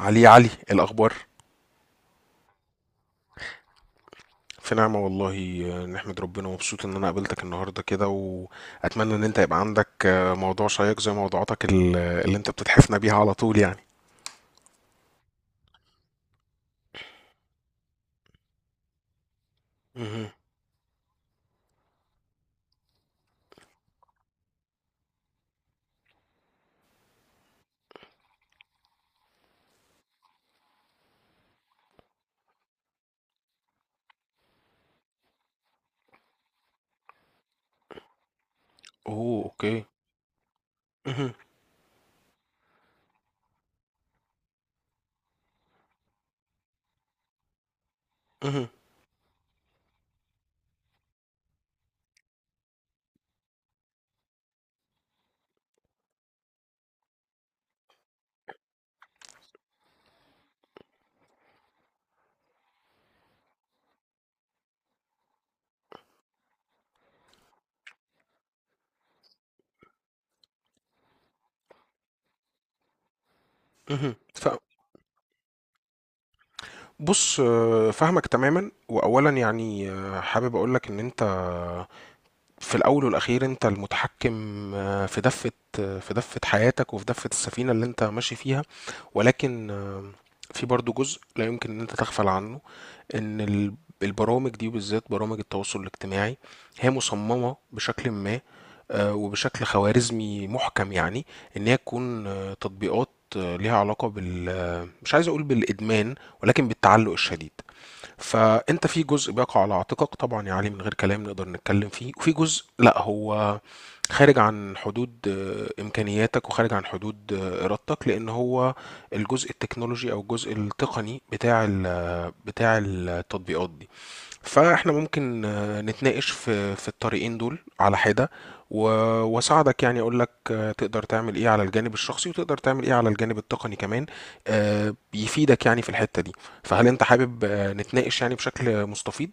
علي، الأخبار؟ في نعمة والله. نحمد ربنا ومبسوط إن أنا قابلتك النهاردة كده، وأتمنى إن أنت يبقى عندك موضوع شيق زي موضوعاتك اللي أنت بتتحفنا بيها على طول يعني. مهم. أوه، أوكي. مهم. مهم. مهم. بص، فاهمك تماما، وأولا يعني حابب أقولك إن أنت، في الأول والأخير أنت المتحكم، في دفة، في دفة حياتك وفي دفة السفينة اللي أنت ماشي فيها، ولكن في برضو جزء لا يمكن ان انت تغفل عنه، ان البرامج دي وبالذات برامج التواصل الاجتماعي هي مصممة بشكل ما، وبشكل خوارزمي محكم يعني، ان هي تكون تطبيقات ليها علاقة بال مش عايز اقول بالادمان، ولكن بالتعلق الشديد. فانت في جزء بيقع على عاتقك طبعا يا علي، من غير كلام نقدر نتكلم فيه، وفي جزء لا، هو خارج عن حدود امكانياتك، وخارج عن حدود ارادتك، لان هو الجزء التكنولوجي او الجزء التقني بتاع بتاع التطبيقات دي. فاحنا ممكن نتناقش في الطريقين دول على حدة، و- واساعدك يعني، اقول لك تقدر تعمل ايه على الجانب الشخصي، وتقدر تعمل ايه على الجانب التقني كمان، بيفيدك يعني في الحتة دي. فهل انت حابب نتناقش يعني بشكل مستفيض؟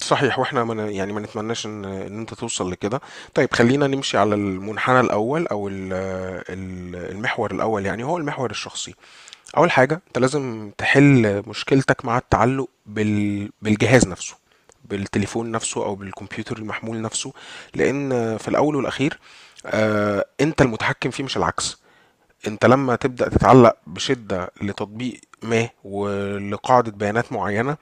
صحيح، واحنا ما ن- يعني ما نتمناش ان انت توصل لكده. طيب، خلينا نمشي على المنحنى الاول او المحور الاول، يعني هو المحور الشخصي. اول حاجه انت لازم تحل مشكلتك مع التعلق بالجهاز نفسه، بالتليفون نفسه او بالكمبيوتر المحمول نفسه. لان في الاول والاخير انت المتحكم فيه مش العكس. انت لما تبدأ تتعلق بشدة لتطبيق ما ولقاعدة بيانات معينة،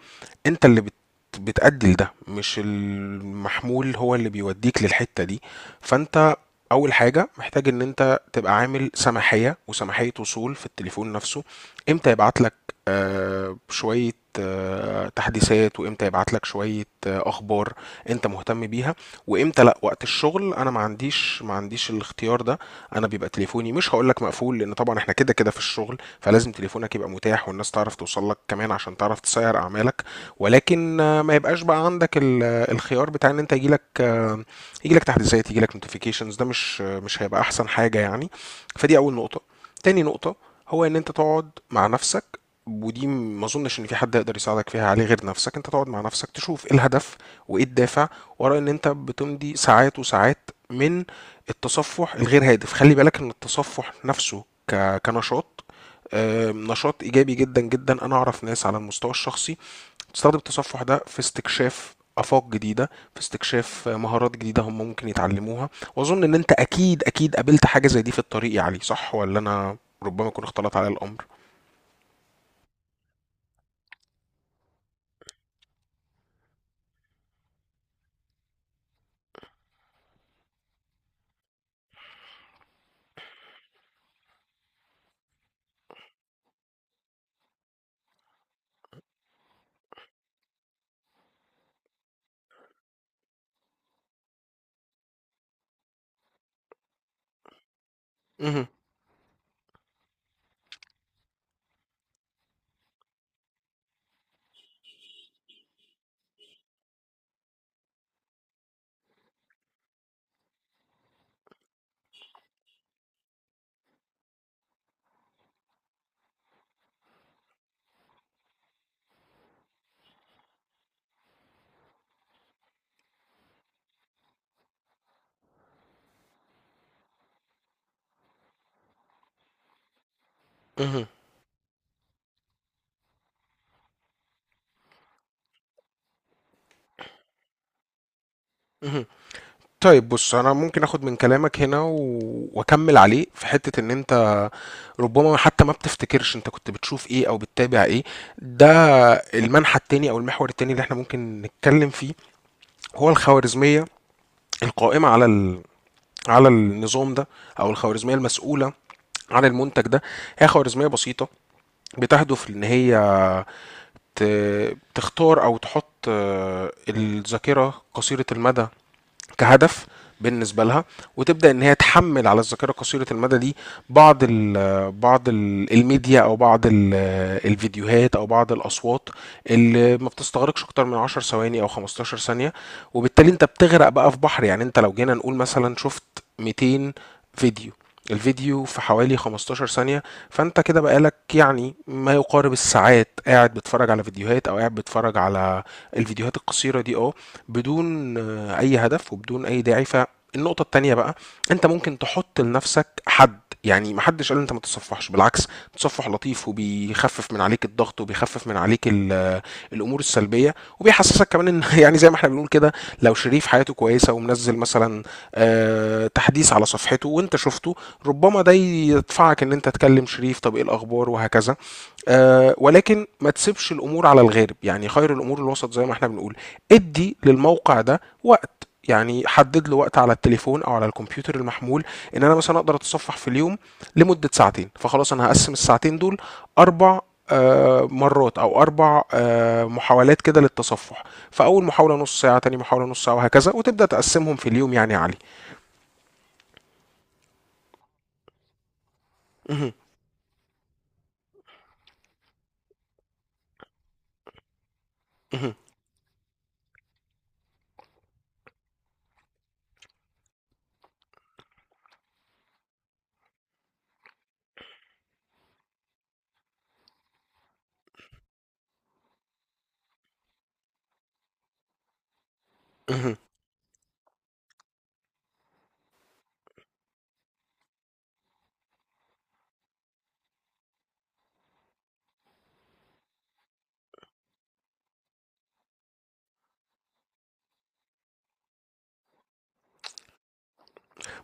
انت اللي بتأدي لده، مش المحمول هو اللي بيوديك للحتة دي. فانت اول حاجة محتاج ان انت تبقى عامل سماحية وسماحية وصول في التليفون نفسه. امتى يبعت لك شوية تحديثات، وامتى يبعت لك شوية اخبار انت مهتم بيها، وامتى لا. وقت الشغل انا ما عنديش الاختيار ده. انا بيبقى تليفوني مش هقول لك مقفول، لان طبعا احنا كده كده في الشغل، فلازم تليفونك يبقى متاح والناس تعرف توصل لك كمان عشان تعرف تسير اعمالك، ولكن ما يبقاش بقى عندك الخيار بتاع ان انت يجي لك، تحديثات، يجي لك نوتيفيكيشنز. ده مش مش هيبقى احسن حاجة يعني. فدي اول نقطة. تاني نقطة هو ان انت تقعد مع نفسك. ودي ما اظنش ان في حد يقدر يساعدك فيها عليه غير نفسك. انت تقعد مع نفسك تشوف ايه الهدف وايه الدافع ورا ان انت بتمضي ساعات وساعات من التصفح الغير هادف. خلي بالك ان التصفح نفسه كنشاط، نشاط ايجابي جدا جدا. انا اعرف ناس على المستوى الشخصي تستخدم التصفح ده في استكشاف افاق جديده، في استكشاف مهارات جديده هم ممكن يتعلموها. واظن ان انت اكيد اكيد قابلت حاجه زي دي في الطريق يا علي، صح؟ ولا انا ربما يكون اختلط على الامر؟ مهم. مهم. مهم. طيب، بص انا ممكن اخد من كلامك هنا واكمل عليه في حته ان انت ربما حتى ما بتفتكرش انت كنت بتشوف ايه او بتتابع ايه. ده المنحى التاني او المحور التاني اللي احنا ممكن نتكلم فيه هو الخوارزمية القائمة على النظام ده، او الخوارزمية المسؤولة عن المنتج ده. هي خوارزمية بسيطة بتهدف ان هي تختار او تحط الذاكرة قصيرة المدى كهدف بالنسبه لها. وتبدا ان هي تحمل على الذاكره قصيره المدى دي بعض ال بعض ال الميديا او بعض الفيديوهات، او بعض الاصوات اللي ما بتستغرقش اكتر من 10 ثواني او 15 ثانيه. وبالتالي انت بتغرق بقى في بحر. يعني انت لو جينا نقول مثلا، شفت 200 فيديو، الفيديو في حوالي 15 ثانية، فانت كده بقالك يعني ما يقارب الساعات قاعد بتتفرج على فيديوهات، او قاعد بتتفرج على الفيديوهات القصيرة دي، اه، بدون اي هدف وبدون اي داعي. فالنقطة التانية بقى، انت ممكن تحط لنفسك حد. يعني محدش قال انت ما تتصفحش، بالعكس التصفح لطيف وبيخفف من عليك الضغط، وبيخفف من عليك الامور السلبيه، وبيحسسك كمان ان يعني زي ما احنا بنقول كده، لو شريف حياته كويسه ومنزل مثلا تحديث على صفحته وانت شفته، ربما ده يدفعك ان انت تكلم شريف، طب ايه الاخبار وهكذا. ولكن ما تسيبش الامور على الغارب، يعني خير الامور الوسط زي ما احنا بنقول. ادي للموقع ده وقت، يعني حدد له وقت على التليفون او على الكمبيوتر المحمول. ان انا مثلا اقدر اتصفح في اليوم لمده ساعتين، فخلاص انا هقسم الساعتين دول اربع مرات، او اربع محاولات كده للتصفح. فاول محاوله نص ساعه، تاني محاوله نص ساعه، وهكذا. وتبدا تقسمهم في اليوم يعني يا علي. اهم. اهم. اهم.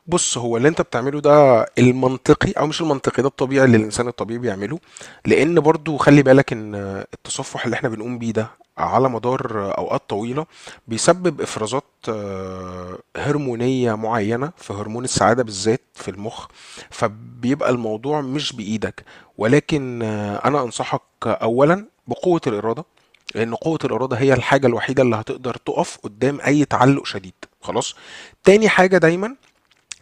بص، هو اللي انت بتعمله ده المنطقي او مش المنطقي، ده الطبيعي اللي الانسان الطبيعي بيعمله. لان برضو خلي بالك ان التصفح اللي احنا بنقوم بيه ده على مدار اوقات طويله بيسبب افرازات هرمونيه معينه في هرمون السعاده بالذات في المخ. فبيبقى الموضوع مش بايدك. ولكن انا انصحك اولا بقوه الاراده، لان قوه الاراده هي الحاجه الوحيده اللي هتقدر تقف قدام اي تعلق شديد، خلاص. تاني حاجه دايما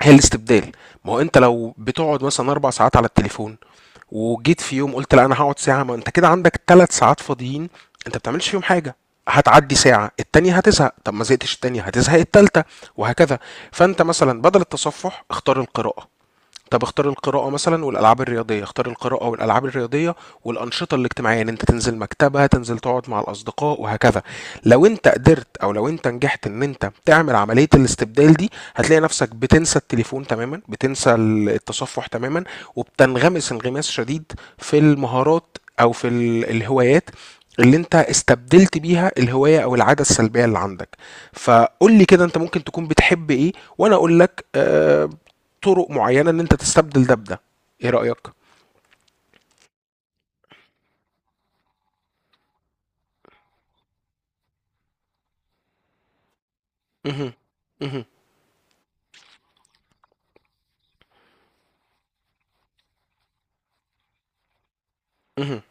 هي الاستبدال. ما هو انت لو بتقعد مثلا 4 ساعات على التليفون، وجيت في يوم قلت لا انا هقعد ساعه، ما انت كده عندك 3 ساعات فاضيين انت ما بتعملش فيهم حاجه. هتعدي ساعة التانية هتزهق، طب ما زهقتش التانية هتزهق التالتة وهكذا. فانت مثلا بدل التصفح اختار القراءة. طب اختار القراءة مثلا والألعاب الرياضية، اختار القراءة والألعاب الرياضية والأنشطة الاجتماعية، ان انت تنزل مكتبة، تنزل تقعد مع الأصدقاء وهكذا. لو انت قدرت او لو انت نجحت ان انت تعمل عملية الاستبدال دي، هتلاقي نفسك بتنسى التليفون تماما، بتنسى التصفح تماما، وبتنغمس انغماس شديد في المهارات او في الهوايات اللي انت استبدلت بيها الهواية او العادة السلبية اللي عندك. فقول لي كده، انت ممكن تكون بتحب ايه، وانا اقول لك طرق معينة ان انت تستبدل ده بده. ايه رأيك؟ مهم. مهم. مهم.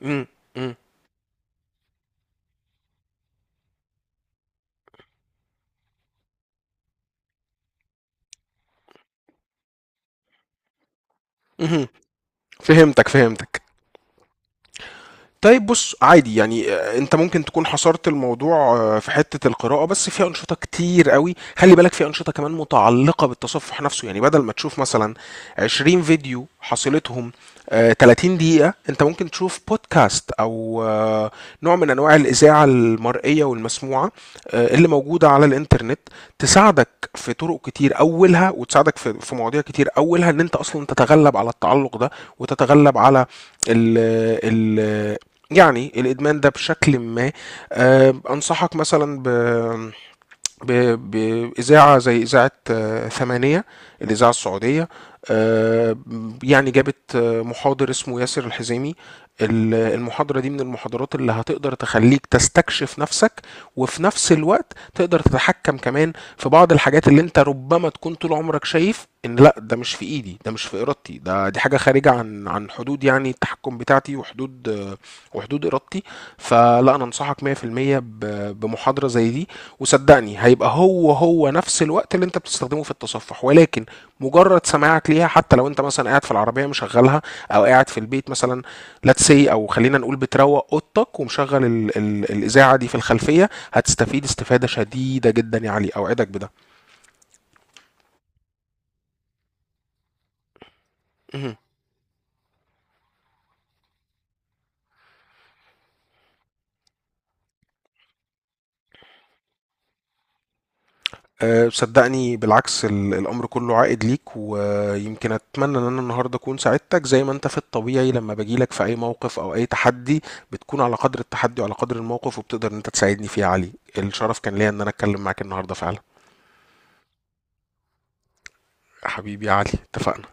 مهم. مهم. مهم. فهمتك، فهمتك. طيب بص، عادي يعني، انت ممكن تكون حصرت الموضوع في حتة القراءة بس، في أنشطة كتير قوي خلي بالك، في أنشطة كمان متعلقة بالتصفح نفسه. يعني بدل ما تشوف مثلا 20 فيديو حصيلتهم 30 دقيقة، انت ممكن تشوف بودكاست او نوع من انواع الإذاعة المرئية والمسموعة اللي موجودة على الإنترنت، تساعدك في طرق كتير أولها، وتساعدك في مواضيع كتير أولها ان انت اصلا تتغلب على التعلق ده، وتتغلب على ال ال يعني الإدمان ده بشكل ما. أنصحك مثلا بإذاعة زي إذاعة ثمانية، الإذاعة السعودية. آه، يعني جابت محاضر اسمه ياسر الحزيمي. المحاضرة دي من المحاضرات اللي هتقدر تخليك تستكشف نفسك، وفي نفس الوقت تقدر تتحكم كمان في بعض الحاجات اللي انت ربما تكون طول عمرك شايف ان لا، ده مش في ايدي، ده مش في ارادتي، ده دي حاجة خارجة عن حدود يعني التحكم بتاعتي، وحدود وحدود ارادتي. فلا، انا انصحك 100% بمحاضرة زي دي. وصدقني هيبقى هو هو نفس الوقت اللي انت بتستخدمه في التصفح، ولكن مجرد سماعك ليها، حتى لو انت مثلا قاعد في العربيه مشغلها، او قاعد في البيت مثلا، لاتس سي، او خلينا نقول بتروق اوضتك ومشغل ال ال الاذاعه دي في الخلفيه، هتستفيد استفاده شديده جدا يا علي، اوعدك بده. أه، صدقني بالعكس، الأمر كله عائد ليك، ويمكن أتمنى إن أنا النهاردة أكون ساعدتك زي ما أنت في الطبيعي لما باجيلك في أي موقف أو أي تحدي، بتكون على قدر التحدي وعلى قدر الموقف، وبتقدر إن أنت تساعدني فيه يا علي. الشرف كان ليا إن أنا أتكلم معاك النهاردة فعلا. حبيبي يا علي، اتفقنا.